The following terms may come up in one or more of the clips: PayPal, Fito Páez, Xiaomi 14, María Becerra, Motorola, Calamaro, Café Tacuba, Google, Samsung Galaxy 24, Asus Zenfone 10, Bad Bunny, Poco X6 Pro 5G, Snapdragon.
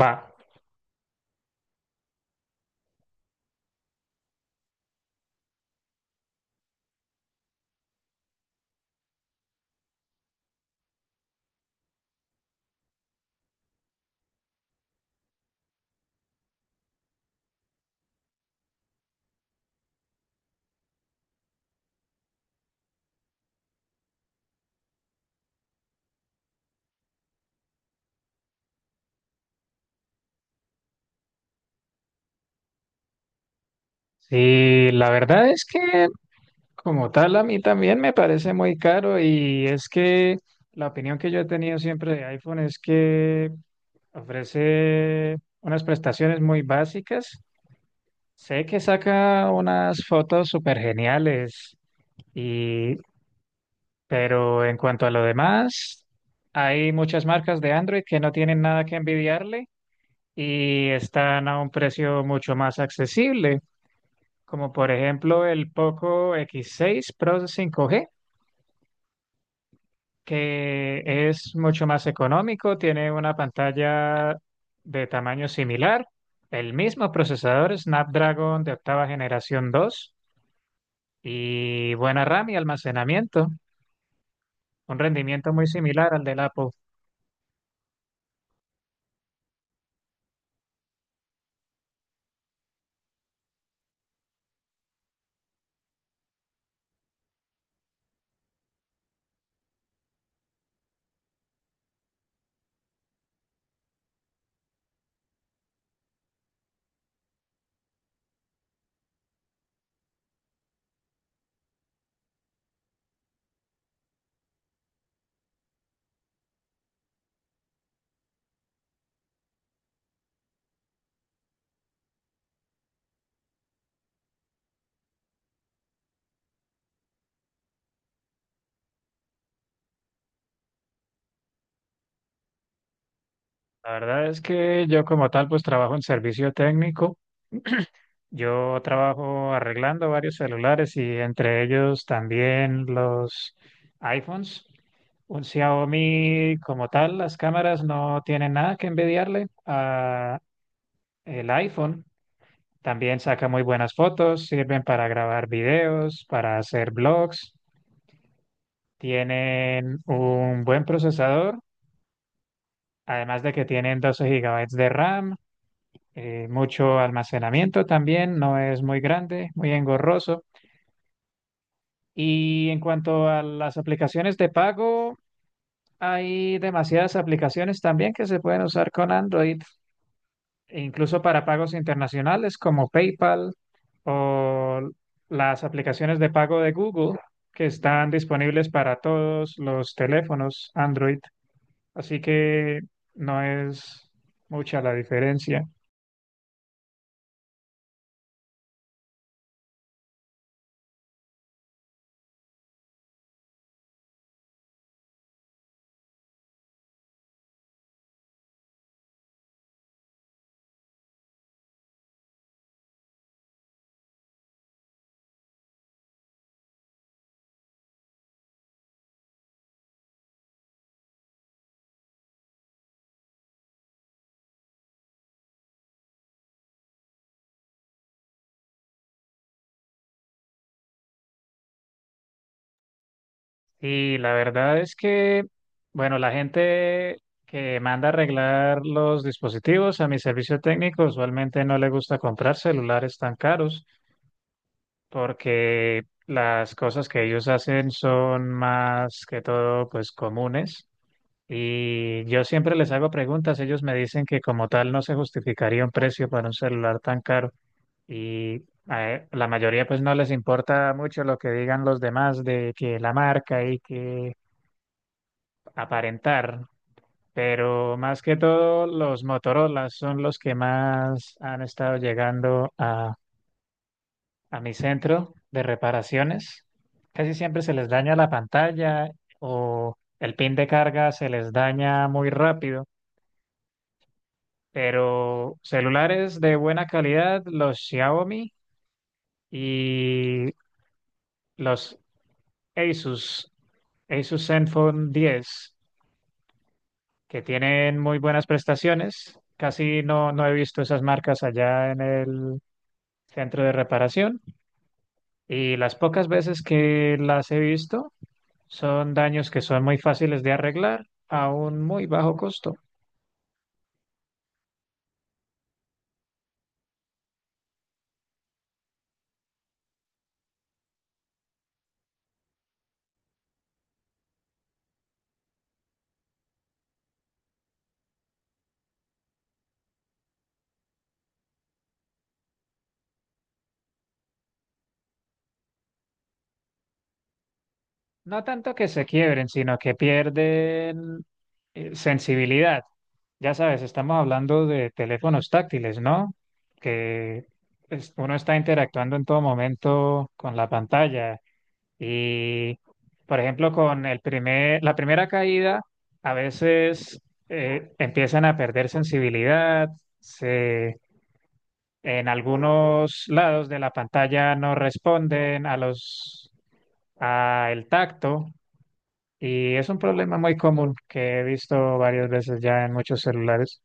Va, sí, la verdad es que como tal a mí también me parece muy caro, y es que la opinión que yo he tenido siempre de iPhone es que ofrece unas prestaciones muy básicas. Sé que saca unas fotos súper geniales y, pero en cuanto a lo demás, hay muchas marcas de Android que no tienen nada que envidiarle y están a un precio mucho más accesible. Como por ejemplo el Poco X6 Pro 5G, que es mucho más económico, tiene una pantalla de tamaño similar, el mismo procesador Snapdragon de octava generación 2 y buena RAM y almacenamiento, un rendimiento muy similar al del Apple. La verdad es que yo como tal pues trabajo en servicio técnico. Yo trabajo arreglando varios celulares y entre ellos también los iPhones. Un Xiaomi como tal, las cámaras no tienen nada que envidiarle a el iPhone. También saca muy buenas fotos, sirven para grabar videos, para hacer blogs. Tienen un buen procesador, además de que tienen 12 gigabytes de RAM, mucho almacenamiento también, no es muy grande, muy engorroso. Y en cuanto a las aplicaciones de pago, hay demasiadas aplicaciones también que se pueden usar con Android, e incluso para pagos internacionales como PayPal o las aplicaciones de pago de Google, que están disponibles para todos los teléfonos Android. Así que no es mucha la diferencia. Y la verdad es que, bueno, la gente que manda a arreglar los dispositivos a mi servicio técnico usualmente no le gusta comprar celulares tan caros, porque las cosas que ellos hacen son más que todo pues comunes. Y yo siempre les hago preguntas, ellos me dicen que como tal no se justificaría un precio para un celular tan caro. Y la mayoría pues no les importa mucho lo que digan los demás de que la marca y que aparentar, pero más que todo los Motorola son los que más han estado llegando a mi centro de reparaciones. Casi siempre se les daña la pantalla o el pin de carga se les daña muy rápido, pero celulares de buena calidad, los Xiaomi y los Asus, Asus Zenfone 10, que tienen muy buenas prestaciones. Casi no, no he visto esas marcas allá en el centro de reparación, y las pocas veces que las he visto son daños que son muy fáciles de arreglar a un muy bajo costo. No tanto que se quiebren, sino que pierden sensibilidad. Ya sabes, estamos hablando de teléfonos táctiles, ¿no? Que uno está interactuando en todo momento con la pantalla. Y, por ejemplo, con la primera caída, a veces empiezan a perder sensibilidad, se, en algunos lados de la pantalla no responden a los, a el tacto, y es un problema muy común que he visto varias veces ya en muchos celulares.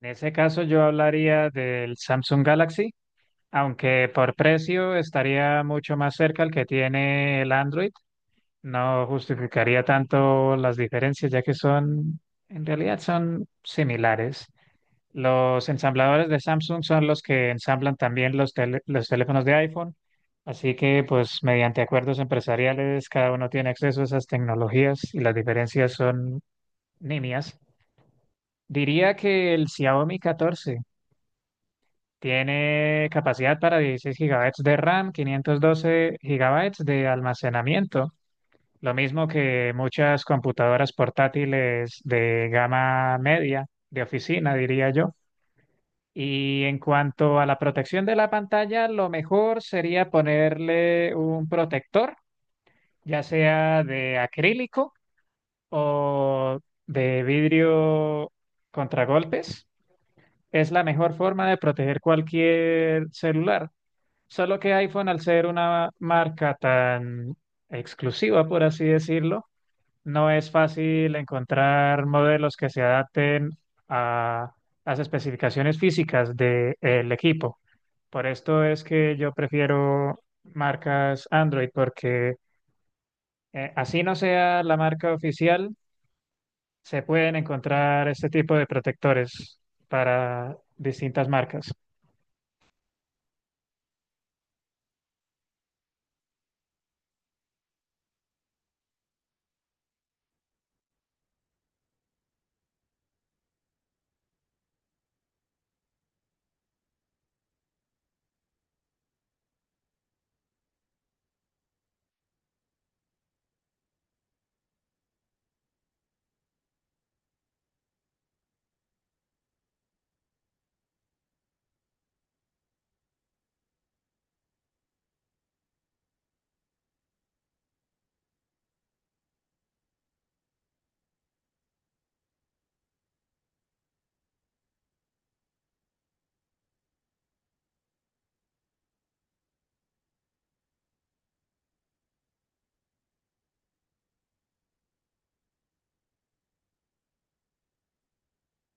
En ese caso, yo hablaría del Samsung Galaxy, aunque por precio estaría mucho más cerca el que tiene el Android. No justificaría tanto las diferencias, ya que son, en realidad son similares. Los ensambladores de Samsung son los que ensamblan también los teléfonos de iPhone, así que pues mediante acuerdos empresariales cada uno tiene acceso a esas tecnologías y las diferencias son nimias. Diría que el Xiaomi 14 tiene capacidad para 16 gigabytes de RAM, 512 gigabytes de almacenamiento. Lo mismo que muchas computadoras portátiles de gama media, de oficina, diría yo. Y en cuanto a la protección de la pantalla, lo mejor sería ponerle un protector, ya sea de acrílico o de vidrio contragolpes. Es la mejor forma de proteger cualquier celular. Solo que iPhone, al ser una marca tan exclusiva, por así decirlo, no es fácil encontrar modelos que se adapten a las especificaciones físicas del equipo. Por esto es que yo prefiero marcas Android, porque así no sea la marca oficial, se pueden encontrar este tipo de protectores para distintas marcas.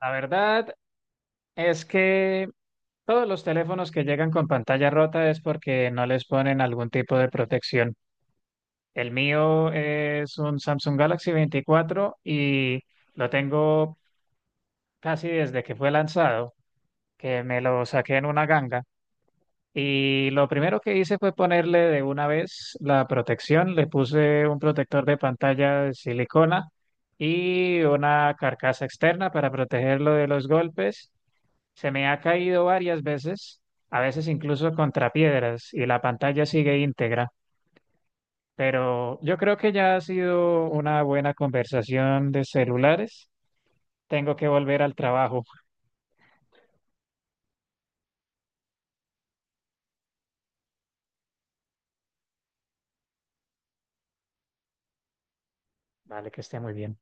La verdad es que todos los teléfonos que llegan con pantalla rota es porque no les ponen algún tipo de protección. El mío es un Samsung Galaxy 24, y lo tengo casi desde que fue lanzado, que me lo saqué en una ganga. Y lo primero que hice fue ponerle de una vez la protección. Le puse un protector de pantalla de silicona y una carcasa externa para protegerlo de los golpes. Se me ha caído varias veces, a veces incluso contra piedras, y la pantalla sigue íntegra. Pero yo creo que ya ha sido una buena conversación de celulares. Tengo que volver al trabajo. Vale, que esté muy bien.